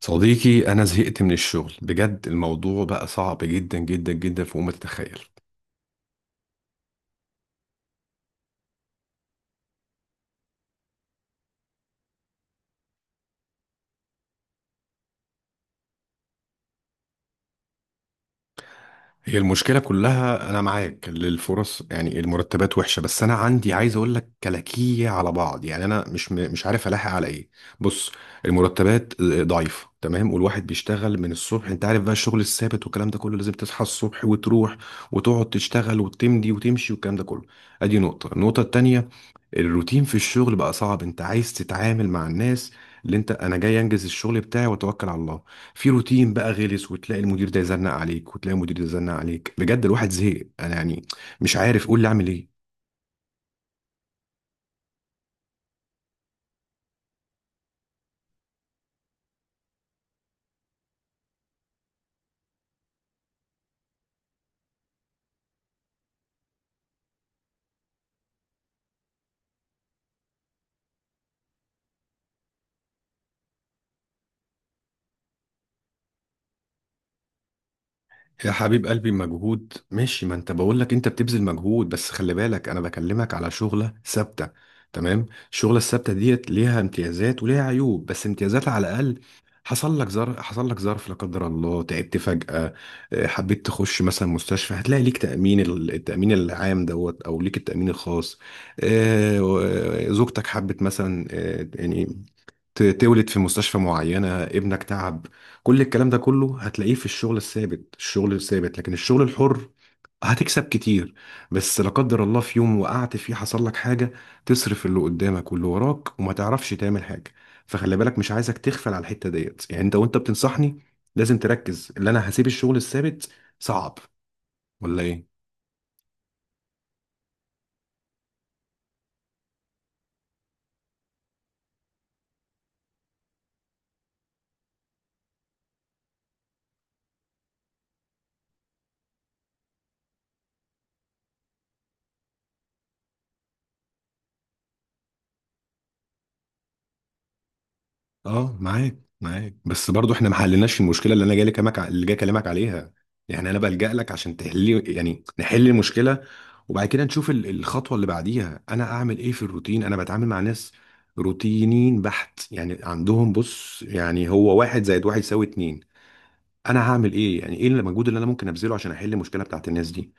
صديقي أنا زهقت من الشغل بجد. الموضوع بقى صعب جدا جدا جدا فوق ما تتخيل. هي المشكلة كلها، أنا معاك للفرص، يعني المرتبات وحشة، بس أنا عندي عايز أقول لك كلاكية على بعض، يعني أنا مش عارف ألاحق على إيه. بص، المرتبات ضعيفة تمام، والواحد بيشتغل من الصبح، أنت عارف بقى الشغل الثابت والكلام ده كله، لازم تصحى الصبح وتروح وتقعد تشتغل وتمدي وتمشي والكلام ده كله. أدي نقطة. النقطة التانية، الروتين في الشغل بقى صعب. انت عايز تتعامل مع الناس، اللي انت انا جاي انجز الشغل بتاعي واتوكل على الله، في روتين بقى غلس، وتلاقي المدير ده يزنق عليك وتلاقي المدير ده يزنق عليك، بجد الواحد زهق. انا يعني مش عارف، قول لي اعمل ايه. يا حبيب قلبي، مجهود ماشي، ما انت بقول لك انت بتبذل مجهود، بس خلي بالك انا بكلمك على شغلة ثابتة. تمام. الشغلة الثابتة ديت ليها امتيازات وليها عيوب، بس امتيازات على الاقل. حصل لك ظرف، حصل لك ظرف لا قدر الله، تعبت فجأة، اه، حبيت تخش مثلا مستشفى، هتلاقي ليك تأمين، التأمين العام دوت، او ليك التأمين الخاص. زوجتك حبت مثلا، يعني تولد في مستشفى معينة، ابنك تعب. كل الكلام ده كله هتلاقيه في الشغل الثابت، الشغل الثابت. لكن الشغل الحر، هتكسب كتير، بس لا قدر الله في يوم وقعت فيه، حصل لك حاجة، تصرف اللي قدامك واللي وراك، وما تعرفش تعمل حاجة. فخلي بالك، مش عايزك تغفل على الحتة ديت، يعني انت وانت بتنصحني لازم تركز، اللي انا هسيب الشغل الثابت صعب ولا ايه؟ اه معاك معاك، بس برضو احنا ما حلناش المشكله اللي انا جاي لك، اللي جاي اكلمك عليها. يعني انا بلجأ لك عشان تحلي، يعني نحل المشكله، وبعد كده نشوف الخطوه اللي بعديها. انا اعمل ايه في الروتين؟ انا بتعامل مع ناس روتينيين بحت، يعني عندهم، بص يعني هو، واحد زائد واحد يساوي اتنين. انا هعمل ايه؟ يعني ايه المجهود اللي انا ممكن ابذله عشان احل المشكله بتاعت الناس دي؟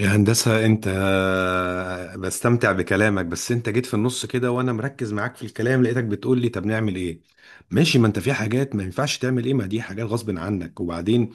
يا هندسة، أنت بستمتع بكلامك، بس أنت جيت في النص كده وأنا مركز معاك في الكلام، لقيتك بتقول لي طب نعمل إيه؟ ماشي، ما أنت في حاجات ما ينفعش تعمل إيه، ما دي حاجات غصب عنك. وبعدين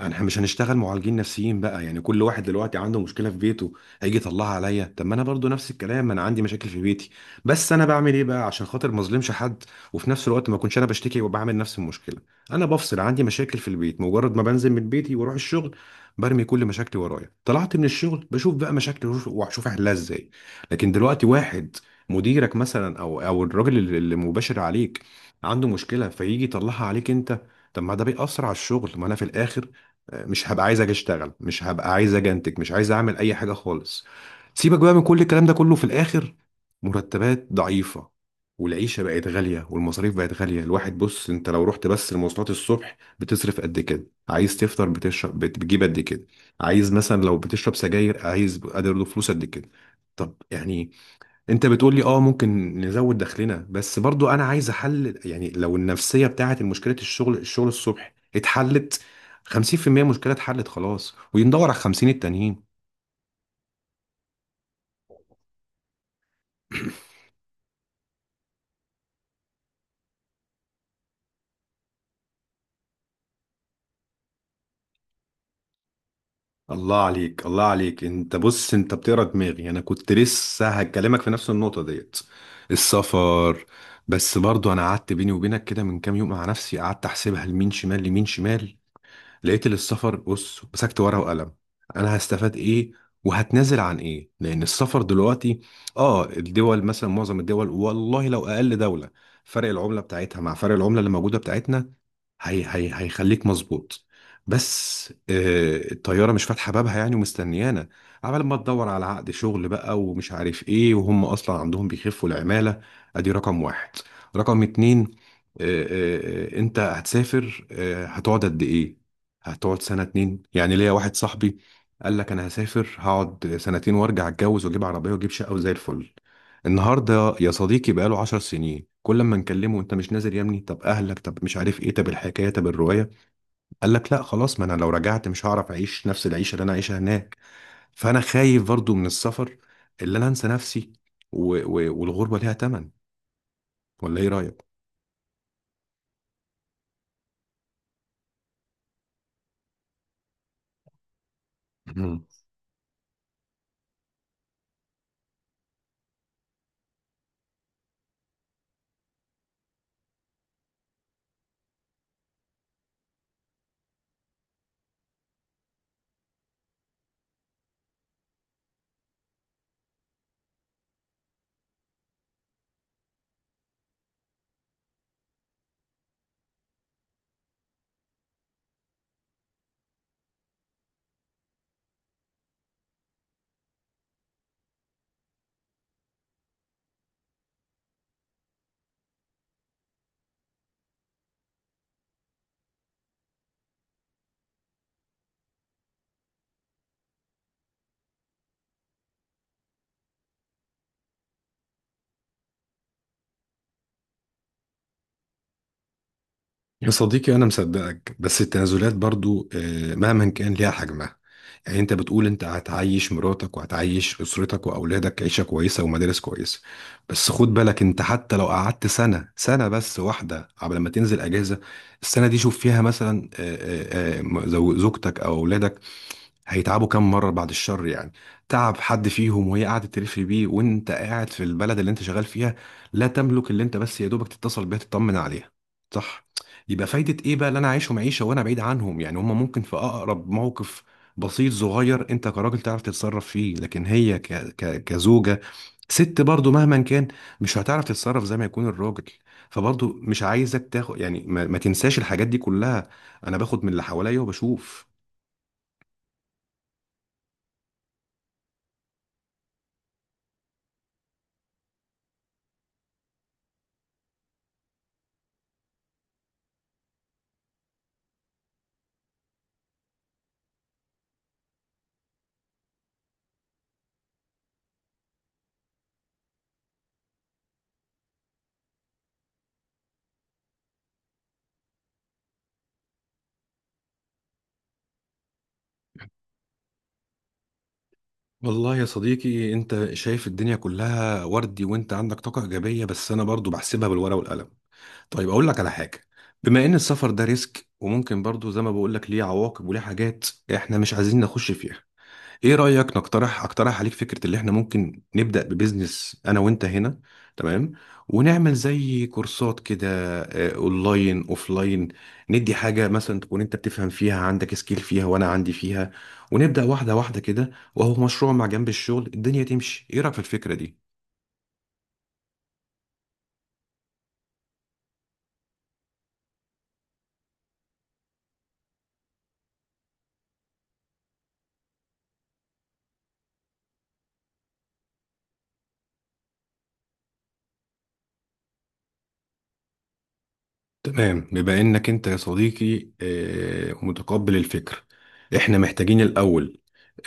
احنا مش هنشتغل معالجين نفسيين بقى، يعني كل واحد دلوقتي عنده مشكله في بيته، هيجي يطلعها عليا. طب ما انا برضو نفس الكلام، انا عندي مشاكل في بيتي، بس انا بعمل ايه بقى عشان خاطر ما اظلمش حد، وفي نفس الوقت ما اكونش انا بشتكي وبعمل نفس المشكله. انا بفصل، عندي مشاكل في البيت، مجرد ما بنزل من بيتي واروح الشغل برمي كل مشاكلي ورايا، طلعت من الشغل بشوف بقى مشاكلي واشوف احلها ازاي. لكن دلوقتي واحد، مديرك مثلا او الراجل اللي مباشر عليك، عنده مشكله فيجي يطلعها عليك انت، طب ما ده بيأثر على الشغل، ما انا في الاخر مش هبقى عايز اجي اشتغل، مش هبقى عايز اجي انتج، مش عايز اعمل اي حاجه خالص. سيبك بقى من كل الكلام ده كله، في الاخر مرتبات ضعيفه، والعيشه بقت غاليه والمصاريف بقت غاليه. الواحد بص، انت لو رحت بس المواصلات الصبح بتصرف قد كده، عايز تفطر، بتشرب، بتجيب قد كده، عايز مثلا لو بتشرب سجاير عايز قادر له فلوس قد كده. طب يعني انت بتقول لي اه ممكن نزود دخلنا، بس برضو انا عايز احل، يعني لو النفسيه بتاعت مشكله الشغل الصبح اتحلت، 50% مشكله اتحلت خلاص، وندور على 50 التانيين. الله عليك، الله عليك. انت بص، انت بتقرا دماغي، انا كنت لسه هكلمك في نفس النقطه ديت، السفر. بس برضو انا قعدت بيني وبينك كده من كام يوم مع نفسي، قعدت احسبها لمين شمال لمين شمال. لقيت إن السفر، بص مسكت ورقة وقلم، أنا هستفاد إيه وهتنازل عن إيه؟ لأن السفر دلوقتي، آه الدول مثلا، معظم الدول والله لو أقل دولة، فرق العملة بتاعتها مع فرق العملة اللي موجودة بتاعتنا هي هي، هيخليك مظبوط. بس آه الطيارة مش فاتحة بابها يعني ومستنيانا، عمال ما تدور على عقد شغل بقى ومش عارف إيه، وهم أصلا عندهم بيخفوا العمالة. أدي رقم واحد. رقم اتنين، آه، انت هتسافر، هتقعد قد ايه؟ هتقعد سنة اتنين؟ يعني ليا واحد صاحبي قال لك انا هسافر هقعد سنتين وارجع اتجوز واجيب عربية واجيب شقة وزي الفل. النهاردة يا صديقي بقاله 10 سنين، كل ما نكلمه انت مش نازل يا ابني، طب اهلك، طب مش عارف ايه، طب الحكاية طب الرواية، قال لك لا خلاص، ما انا لو رجعت مش هعرف اعيش نفس العيشة اللي انا عايشها هناك. فانا خايف برضو من السفر، اللي انا انسى نفسي، والغربة ليها تمن، ولا ايه رأيك؟ يا صديقي أنا مصدقك، بس التنازلات برضو مهما كان ليها حجمها. يعني أنت بتقول أنت هتعيش مراتك وهتعيش أسرتك وأولادك عيشة كويسة ومدارس كويسة، بس خد بالك أنت حتى لو قعدت سنة، سنة بس واحدة قبل ما تنزل أجازة، السنة دي شوف فيها مثلا، زوجتك أو أولادك هيتعبوا كام مرة بعد الشر يعني. تعب حد فيهم وهي قاعدة تلف بيه وانت قاعد في البلد اللي انت شغال فيها، لا تملك اللي انت بس يا دوبك تتصل بيها تطمن عليها، صح؟ يبقى فايدة ايه بقى اللي انا عايشهم عيشة وانا بعيد عنهم؟ يعني هما ممكن في اقرب موقف بسيط صغير انت كراجل تعرف تتصرف فيه، لكن هي كزوجة، ست برضو مهما كان مش هتعرف تتصرف زي ما يكون الراجل. فبرضو مش عايزك تاخد يعني، ما تنساش الحاجات دي كلها، انا باخد من اللي حواليا وبشوف. والله يا صديقي انت شايف الدنيا كلها وردي وانت عندك طاقة ايجابية، بس انا برضو بحسبها بالورقة والقلم. طيب اقول لك على حاجة، بما ان السفر ده ريسك وممكن برضو زي ما بقول لك ليه عواقب وليه حاجات احنا مش عايزين نخش فيها، ايه رأيك نقترح، اقترح عليك فكرة اللي احنا ممكن نبدأ ببزنس انا وانت هنا. تمام؟ ونعمل زي كورسات كده، اونلاين اوفلاين، ندي حاجة مثلا تكون انت بتفهم فيها عندك سكيل فيها وانا عندي فيها، ونبدأ واحدة واحدة كده، وهو مشروع مع جنب الشغل، الدنيا تمشي. ايه رأيك في الفكرة دي؟ تمام. بما انك انت يا صديقي متقبل الفكر، احنا محتاجين الاول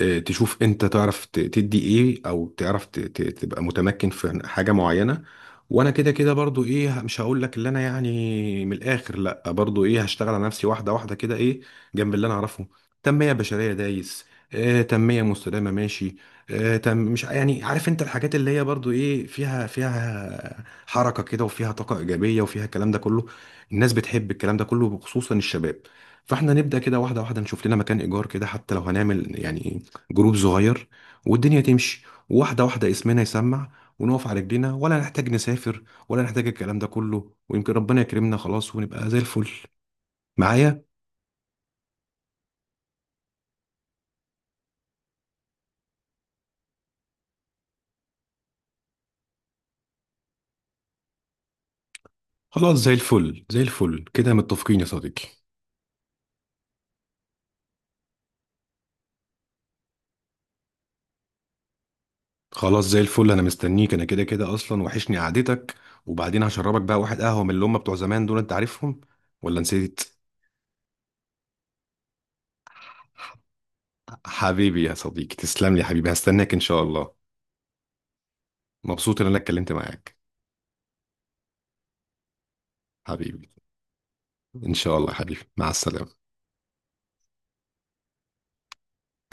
تشوف انت تعرف تدي ايه، او تعرف تبقى متمكن في حاجة معينة. وانا كده كده برضو ايه، مش هقول لك اللي انا يعني من الاخر، لا برضو ايه هشتغل على نفسي واحدة واحدة كده ايه، جنب اللي انا اعرفه. تنمية بشرية دايس، تنمية مستدامة ماشي، تم، مش يعني عارف انت الحاجات اللي هي برضو ايه فيها، فيها حركة كده وفيها طاقة ايجابية وفيها الكلام ده كله، الناس بتحب الكلام ده كله وخصوصا الشباب. فاحنا نبدأ كده واحدة واحدة، نشوف لنا مكان إيجار كده، حتى لو هنعمل يعني جروب صغير، والدنيا تمشي واحدة واحدة، اسمنا يسمع ونقف على رجلينا، ولا نحتاج نسافر ولا نحتاج الكلام ده كله، ويمكن ربنا يكرمنا خلاص ونبقى زي الفل. معايا؟ خلاص زي الفل، زي الفل كده، متفقين يا صديقي. خلاص زي الفل، انا مستنيك، انا كده كده اصلا وحشني قعدتك، وبعدين هشربك بقى واحد قهوة من اللي هم بتوع زمان دول، انت عارفهم ولا نسيت؟ حبيبي يا صديقي، تسلم لي يا حبيبي، هستناك إن شاء الله. مبسوط إن أنا اتكلمت معاك. حبيبي، إن شاء الله يا حبيبي، مع السلامة.